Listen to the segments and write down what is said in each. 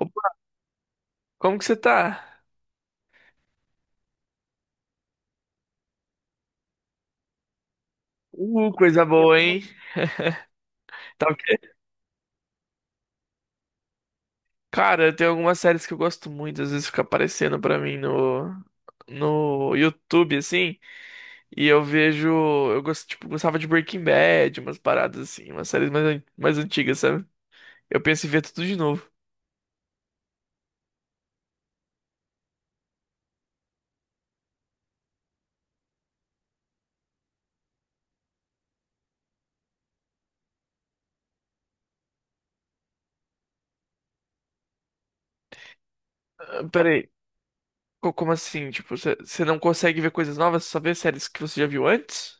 Opa, como que você tá? Coisa boa, hein? Tá o quê? Cara, tem algumas séries que eu gosto muito, às vezes fica aparecendo pra mim no YouTube assim, e eu vejo, eu gosto, tipo, gostava de Breaking Bad, umas paradas assim, umas séries mais antigas, sabe? Eu penso em ver tudo de novo. Ah, peraí, como assim? Tipo, você não consegue ver coisas novas, só vê séries que você já viu antes?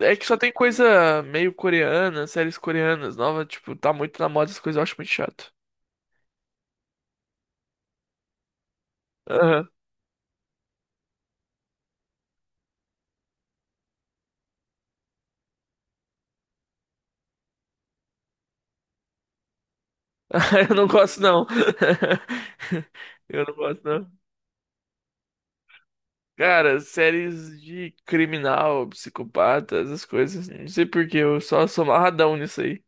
É que só tem coisa meio coreana, séries coreanas novas, tipo, tá muito na moda essas coisas, eu acho muito chato. Eu não gosto, não. Eu não gosto, não. Cara, séries de criminal, psicopata, essas coisas. Não sei por quê, eu só sou amarradão nisso aí.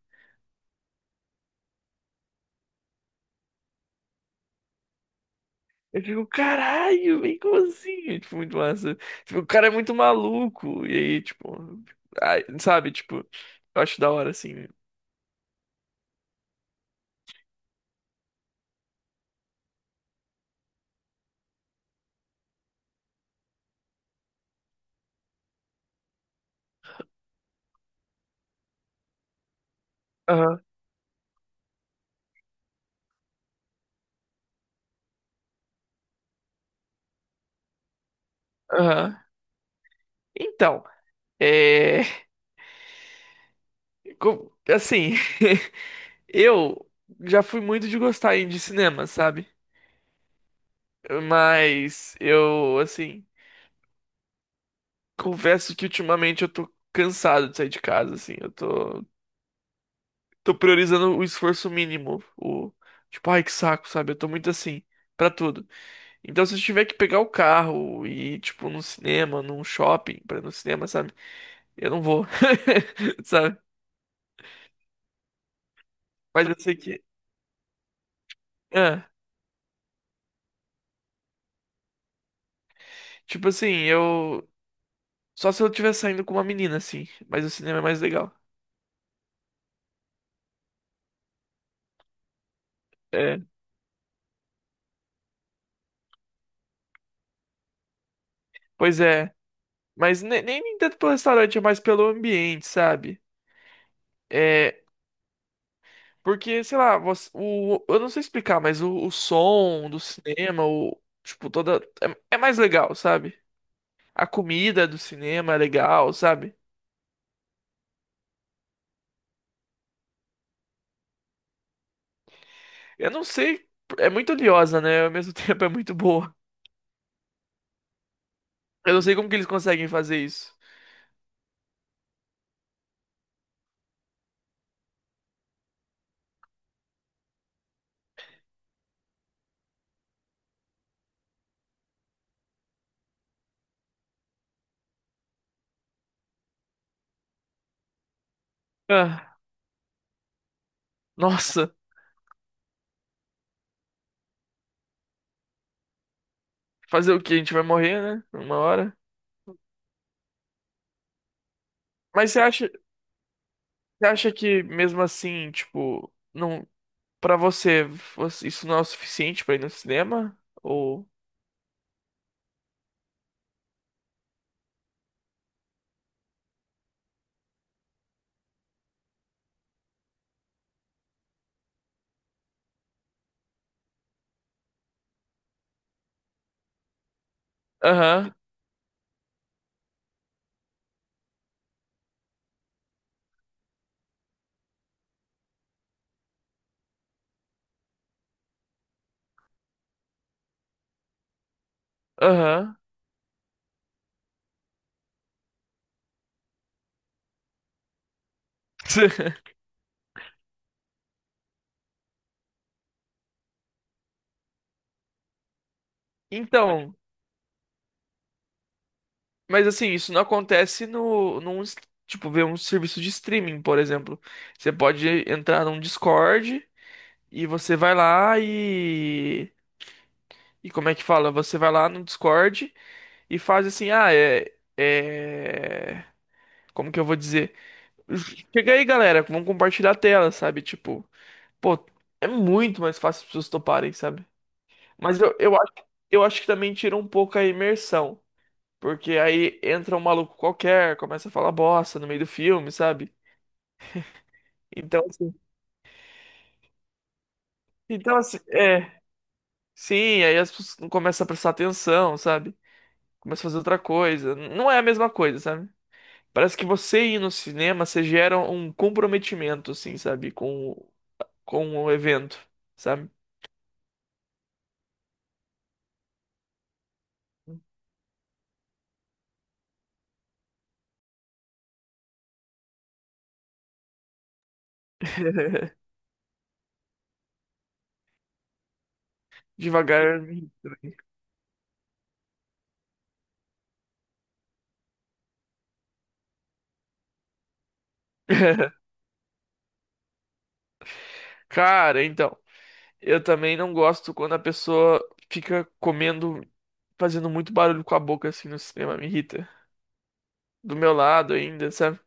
Eu fico, caralho, vem como assim? É, tipo, muito massa. Tipo, o cara é muito maluco. E aí, tipo, ai, sabe, tipo, eu acho da hora, assim. Aham, aham. Então, é. Assim, eu já fui muito de gostar de cinema, sabe? Mas eu, assim, confesso que ultimamente eu tô cansado de sair de casa, assim. Tô priorizando o esforço mínimo. O, tipo, ai, que saco, sabe? Eu tô muito assim, pra tudo. Então, se eu tiver que pegar o carro e ir, tipo, num cinema, num shopping, pra ir no cinema, sabe? Eu não vou, sabe? Mas eu sei que. Ah, tipo assim, eu. Só se eu estiver saindo com uma menina, assim. Mas o cinema é mais legal. É. Pois é. Mas nem tanto pelo restaurante, é mais pelo ambiente, sabe? É, porque, sei lá, você- o, eu não sei explicar, mas o som do cinema, o, tipo, toda. É, é mais legal, sabe? A comida do cinema é legal, sabe? Eu não sei, é muito oleosa, né? Ao mesmo tempo é muito boa. Eu não sei como que eles conseguem fazer isso. Ah, nossa, fazer o quê? A gente vai morrer, né? Uma hora. Mas você acha que mesmo assim, tipo. Não. Pra você, você- isso não é o suficiente pra ir no cinema? Ou. Aham, aham. Então, mas assim, isso não acontece no, num, s- tipo, ver um serviço de streaming, por exemplo. Você pode entrar num Discord e você vai lá e. E como é que fala? Você vai lá no Discord e faz assim, ah, é. É. Como que eu vou dizer? Chega aí, galera, vamos compartilhar a tela, sabe? Tipo, pô, é muito mais fácil as pessoas toparem, sabe? Mas eu acho que também tira um pouco a imersão. Porque aí entra um maluco qualquer, começa a falar bosta no meio do filme, sabe? Então, assim, então, assim, é. Sim, aí as pessoas não começam a prestar atenção, sabe? Começam a fazer outra coisa. Não é a mesma coisa, sabe? Parece que você ir no cinema, você gera um comprometimento, assim, sabe? Com o evento, sabe? Devagar. Cara, então. Eu também não gosto quando a pessoa fica comendo, fazendo muito barulho com a boca assim no cinema, me irrita. Do meu lado ainda, sabe?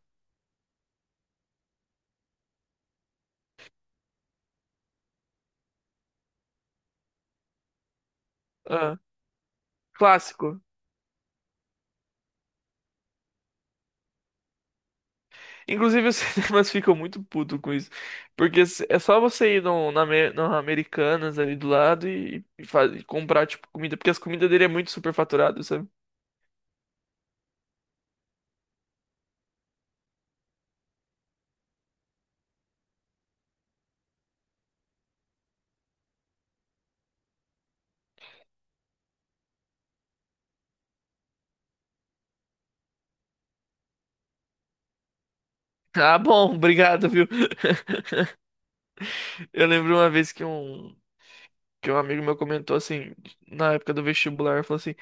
Ah, clássico. Inclusive os cinemas ficam muito putos com isso. Porque é só você ir no Americanas ali do lado e, e comprar, tipo, comida. Porque as comidas dele é muito superfaturado, sabe? Ah, bom, obrigado, viu? Eu lembro uma vez que um amigo meu comentou assim, na época do vestibular, falou assim.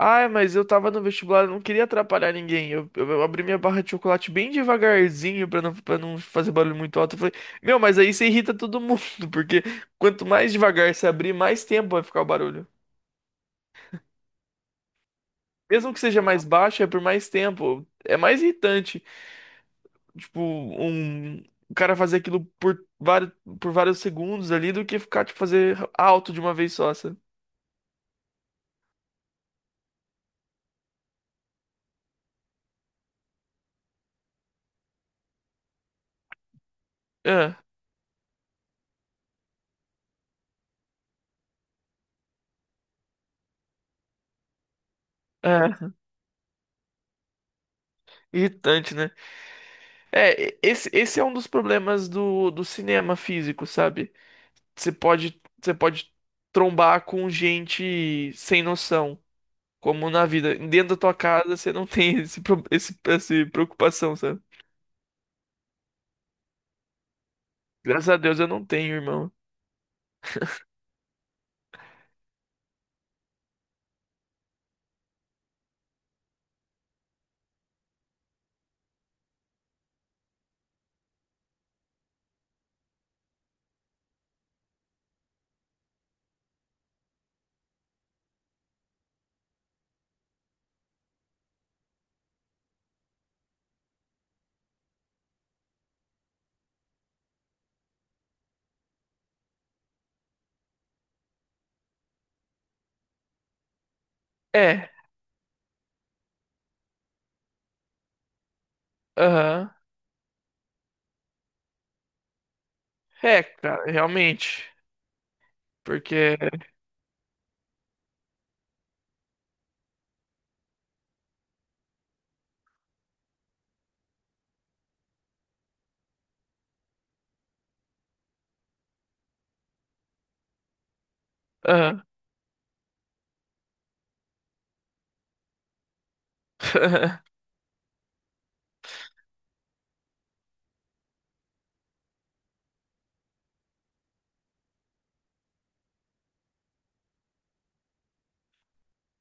Ai, mas eu tava no vestibular, eu não queria atrapalhar ninguém. Eu abri minha barra de chocolate bem devagarzinho pra não fazer barulho muito alto. Eu falei, meu, mas aí você irrita todo mundo, porque quanto mais devagar você abrir, mais tempo vai ficar o barulho. Mesmo que seja mais baixo, é por mais tempo. É mais irritante, tipo, um, o cara fazer aquilo por vários segundos ali do que ficar, tipo, fazer alto de uma vez só, sabe? É, é, irritante, né? É, esse é um dos problemas do, do cinema físico, sabe? Você pode trombar com gente sem noção, como na vida. Dentro da tua casa você não tem essa preocupação, sabe? Graças a Deus eu não tenho, irmão. É, aham. É, cara, realmente. Porque. Aham.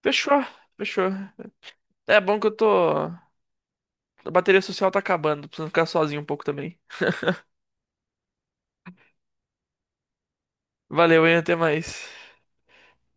Fechou, fechou. É bom que eu tô. A bateria social tá acabando, preciso ficar sozinho um pouco também. Valeu, hein? Até mais.